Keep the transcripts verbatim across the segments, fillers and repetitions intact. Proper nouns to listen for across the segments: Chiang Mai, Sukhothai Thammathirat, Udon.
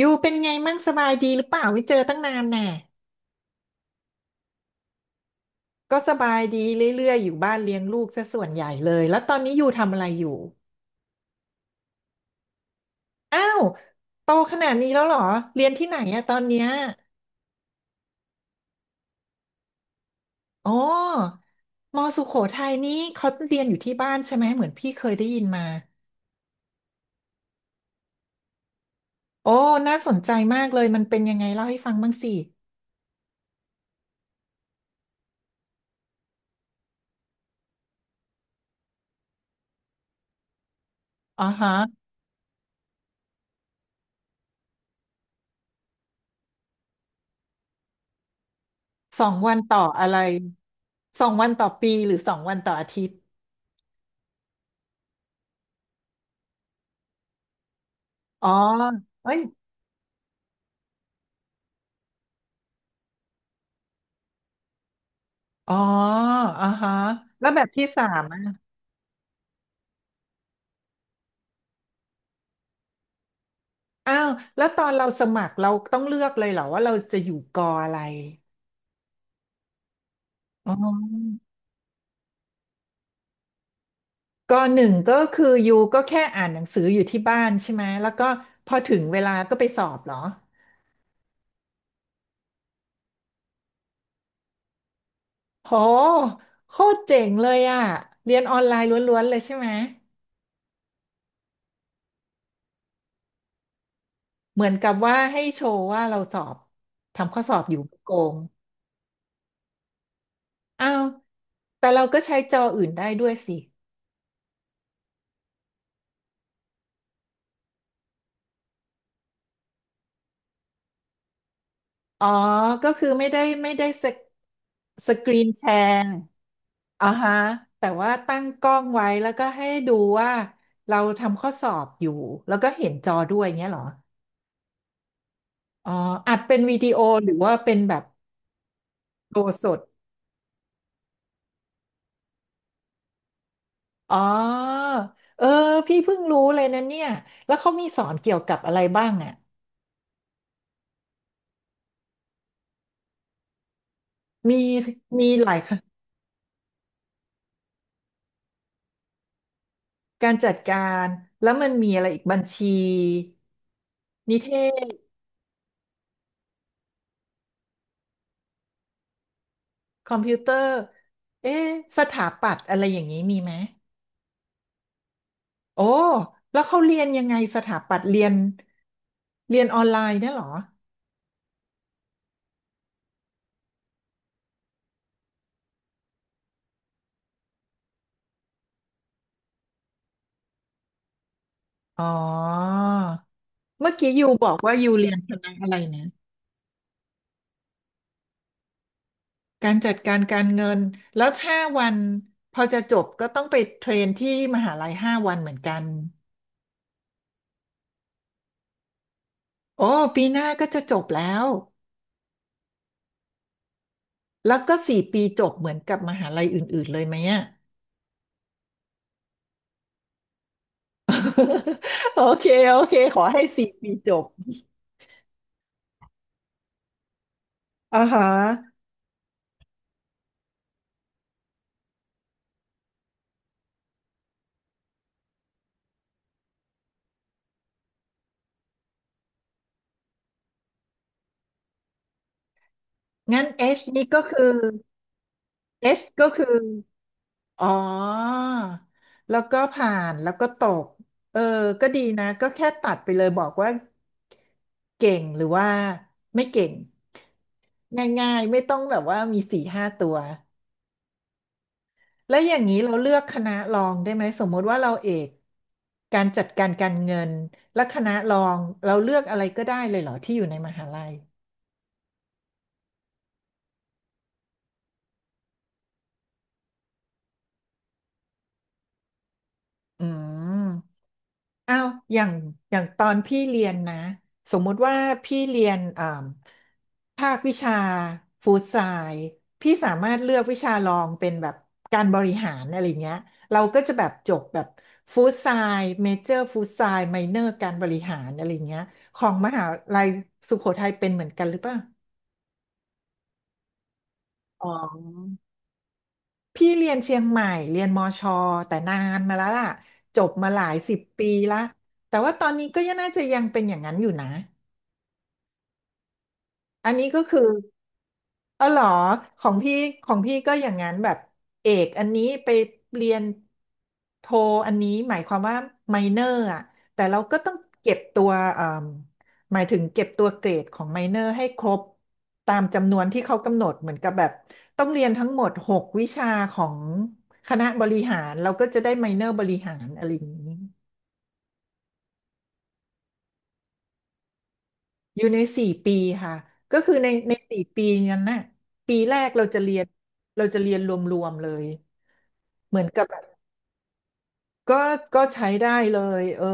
ยูเป็นไงมั่งสบายดีหรือเปล่าไม่เจอตั้งนานแน่ก็สบายดีเรื่อยๆอยู่บ้านเลี้ยงลูกซะส่วนใหญ่เลยแล้วตอนนี้ยูทำอะไรอยู่อ้าวโตขนาดนี้แล้วเหรอเรียนที่ไหนอะตอนเนี้ยอ๋อมอสุโขทัยนี้เขาเรียนอยู่ที่บ้านใช่ไหมเหมือนพี่เคยได้ยินมาโอ้น่าสนใจมากเลยมันเป็นยังไงเล่าให้ฟังบ้างสิอ๋อฮะสองวันต่ออะไรสองวันต่อปีหรือสองวันต่ออาทิตย์อ๋อเอ้ย อ๋ออ่าฮะแล้วแบบที่สามอ่ะอ้าวแล้วตอนเราสมัครเราต้องเลือกเลยเหรอว่าเราจะอยู่กออะไรอ๋อกอหนึ่งก็คือยูก็แค่อ่านหนังสืออยู่ที่บ้านใช่ไหมแล้วก็พอถึงเวลาก็ไปสอบเหรอโหโคตรเจ๋งเลยอ่ะ เรียนออนไลน์ล้วนๆเลยใช่ไหมเหมือนกับว่าให้โชว์ว่าเราสอบทำข้อสอบอยู่ไม่โกงอ้าวแต่เราก็ใช้จออื่นได้ด้วยสิ อ๋อ ก็คือไม่ได้ไม่ได้สกสกรีนแชร์อ่าฮะแต่ว่าตั้งกล้องไว้แล้วก็ให้ดูว่าเราทำข้อสอบอยู่แล้วก็เห็นจอด้วยเงี้ยเหรออ๋ออัดเป็นวิดีโอหรือว่าเป็นแบบโดสด อ๋อเออพี่เพิ่งรู้เลยนะเนี่ย แล้วเขามีสอนเกี่ยวกับอะไรบ้างอ่ะมีมีหลายค่ะการจัดการแล้วมันมีอะไรอีกบัญชีนิเท คอมพิวเตอร์เอ๊ะสถาปัตย์อะไรอย่างนี้มีไหม โอ้แล้วเขาเรียนยังไงสถาปัตย์เรียนเรียนออนไลน์เนี่ยเหรออ๋อเมื่อกี้ยูบอกว่ายูเรียนคณะอะไรนะการจัดการการเงินแล้วห้าวันพอจะจบก็ต้องไปเทรนที่มหาลัยห้าวันเหมือนกัน โอ้ ปีหน้าก็จะจบแล้วแล้วก็สี่ปีจบเหมือนกับมหาลัยอื่นๆเลยไหมอะ โอเคโอเคขอให้สี่ปีจบ อ่าฮะงั้น เอช นี่ก็คือ เอช ก็คืออ๋อแล้วก็ผ่านแล้วก็ตกเออก็ดีนะก็แค่ตัดไปเลยบอกว่าเก่งหรือว่าไม่เก่ง ง่ายๆไม่ต้องแบบว่ามีสี่ห้าตัวแล้วอย่างนี้เราเลือกคณะรองได้ไหมสมมติว่าเราเอกการจัดการการเงินและคณะรองเราเลือกอะไรก็ได้เลยเหรอที่อยู่ในมหาลัยอืม อ้าวอย่างอย่างตอนพี่เรียนนะ สมมุติว่าพี่เรียนอ่าภาควิชาฟู้ดไซน์พี่สามารถเลือกวิชารองเป็นแบบการบริหารอะไรเงี้ยเราก็จะแบบจบแบบฟู้ดไซน์เมเจอร์ฟู้ดไซน์ไมเนอร์การบริหารอะไรเงี้ยของมหาลัยสุโขทัยเป็นเหมือนกันหรือเปล่าอ๋อพี่เรียนเชียงใหม่เรียนมอชอแต่นานมาแล้วล่ะจบมาหลายสิบปีละ แต่ว่าตอนนี้ก็ยังน่าจะยังเป็นอย่างนั้นอยู่นะ อันนี้ก็คือเออเหรอของพี่ของพี่ก็อย่างนั้นแบบเอกอันนี้ไปเรียนโทอันนี้หมายความว่าไมเนอร์อ่ะแต่เราก็ต้องเก็บตัวเอ่อหมายถึงเก็บตัวเกรดของไมเนอร์ให้ครบตามจำนวนที่เขากำหนดเหมือนกับแบบต้องเรียนทั้งหมดหกวิชาของคณะบริหารเราก็จะได้ไมเนอร์บริหารอะไรอย่างนี้ อยู่ในสี่ปีค่ะ ก็คือในในสี่ปีนั้นน่ะปีแรกเราจะเรียนเราจะเรียนรวมๆเลย เหมือนกับ ก็ก็ใช้ได้เลยเออ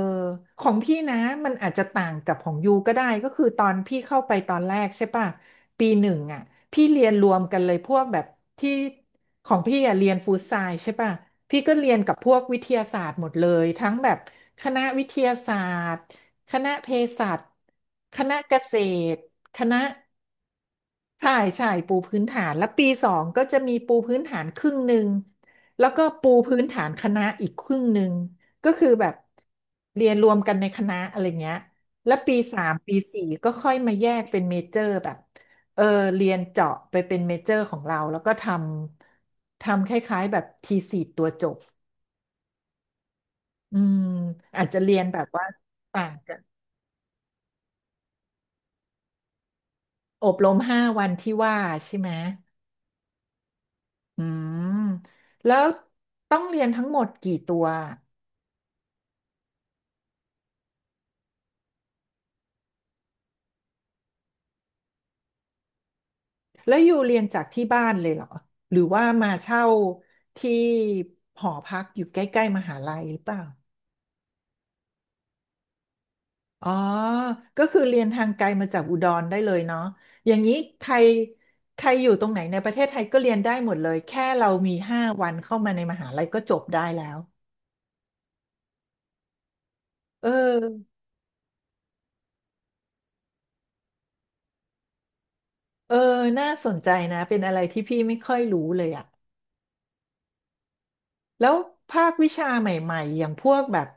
ของพี่นะมันอาจจะต่างกับของยูก็ได้ก็คือตอนพี่เข้าไปตอนแรกใช่ป่ะปีหนึ่งอ่ะพี่เรียนรวมกันเลยพวกแบบที่ของพี่อ่ะเรียนฟู้ดไซน์ใช่ป่ะพี่ก็เรียนกับพวกวิทยาศาสตร์หมดเลยทั้งแบบคณะวิทยาศาสตร์คณะเภสัชคณะเกษตรคณะ ใช่ใช่ปูพื้นฐานแล้วปีสองก็จะมีปูพื้นฐานครึ่งหนึ่งแล้วก็ปูพื้นฐานคณะอีกครึ่งหนึ่งก็คือแบบเรียนรวมกันในคณะอะไรเงี้ยแล้วปีสามปีสี่ก็ค่อยมาแยกเป็นเมเจอร์แบบเออเรียนเจาะไปเป็นเมเจอร์ของเราแล้วก็ทำทำคล้ายๆแบบทีสีตัวจบอืมอาจจะเรียนแบบว่าต่างกันอบรมห้าวันที่ว่าใช่ไหม อืมแล้วต้องเรียนทั้งหมดกี่ตัวแล้วอยู่เรียนจากที่บ้านเลยเหรอหรือว่ามาเช่าที่หอพักอยู่ใกล้ๆมหาลัยหรือเปล่าอ๋อก็คือเรียนทางไกลมาจากอุดรได้เลยเนาะอย่างนี้ใครใครอยู่ตรงไหนในประเทศไทยก็เรียนได้หมดเลยแค่เรามีห้าวันเข้ามาในมหาลัยก็จบได้แล้วเออเออน่าสนใจนะเป็นอะไรที่พี่ไม่ค่อยรู้เลยอะแล้วภาควิชาใหม่ๆอย่างพวกแบบ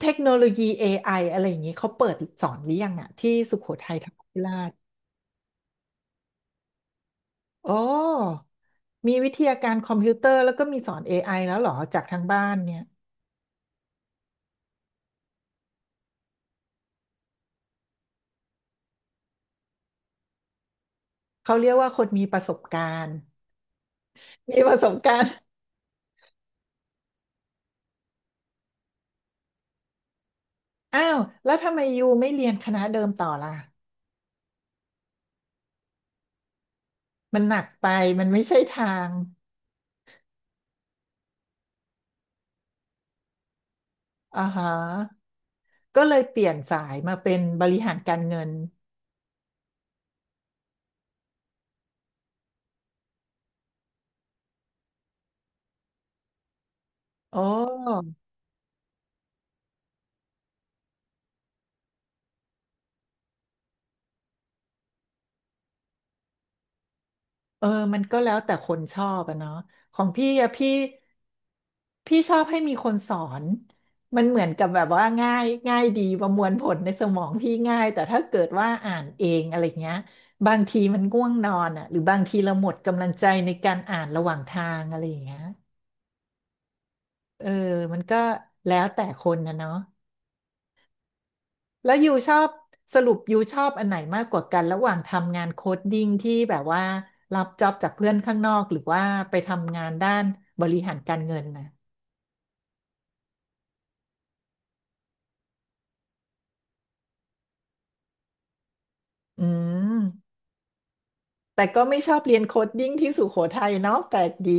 เทคโนโลยี เอ ไอ อไออะไรอย่างนี้เขาเปิดสอนหรือยังอะที่สุโขทัยธรรมาธิราชโอ้ มีวิทยาการคอมพิวเตอร์แล้วก็มีสอน เอ ไอ แล้วเหรอจากทางบ้านเนี่ยเขาเรียกว่าคนมีประสบการณ์ มีประสบการณ์ อ้าวแล้วทำไมยูไม่เรียนคณะเดิมต่อล่ะมันหนักไป มันไม่ใช่ทางอ่าฮะก็เลยเปลี่ยนสายมาเป็นบริหารการเงินโอ้ เออมันก็แล้วแต่คนชอบอะเนาะของพี่อะพี่พี่ชอบให้มีคนสอนมันเหมือนกับแบบว่าง่ายง่ายดีประมวลผลในสมองพี่ง่ายแต่ถ้าเกิดว่าอ่านเองอะไรเงี้ยบางทีมันง่วงนอนอะหรือบางทีเราหมดกำลังใจในการอ่านระหว่างทางอะไรอย่างเงี้ยเออมันก็แล้วแต่คนนะเนาะ แล้วยูชอบสรุปยูชอบอันไหนมากกว่ากันระหว่างทำงานโค้ดดิ้งที่แบบว่ารับจ็อบจากเพื่อนข้างนอกหรือว่าไปทำงานด้านบริหารการเงินนะอืมแต่ก็ไม่ชอบเรียนโค้ดดิ้งที่สุโขทัยเนาะแปลกดี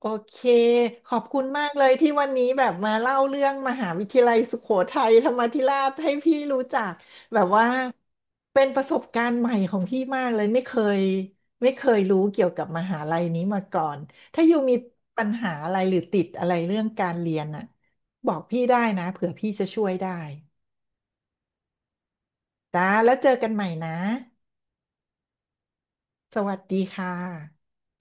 โอเคขอบคุณมากเลยที่วันนี้แบบมาเล่าเรื่องมหาวิทยาลัยสุโขทัยธรรมาธิราชให้พี่รู้จักแบบว่าเป็นประสบการณ์ใหม่ของพี่มากเลยไม่เคยไม่เคยรู้เกี่ยวกับมหาลัยนี้มาก่อนถ้าอยู่มีปัญหาอะไรหรือติดอะไรเรื่องการเรียนอ่ะบอกพี่ได้นะเผื่อพี่จะช่วยได้นะแล้วเจอกันใหม่นะสวัสดีค่ะ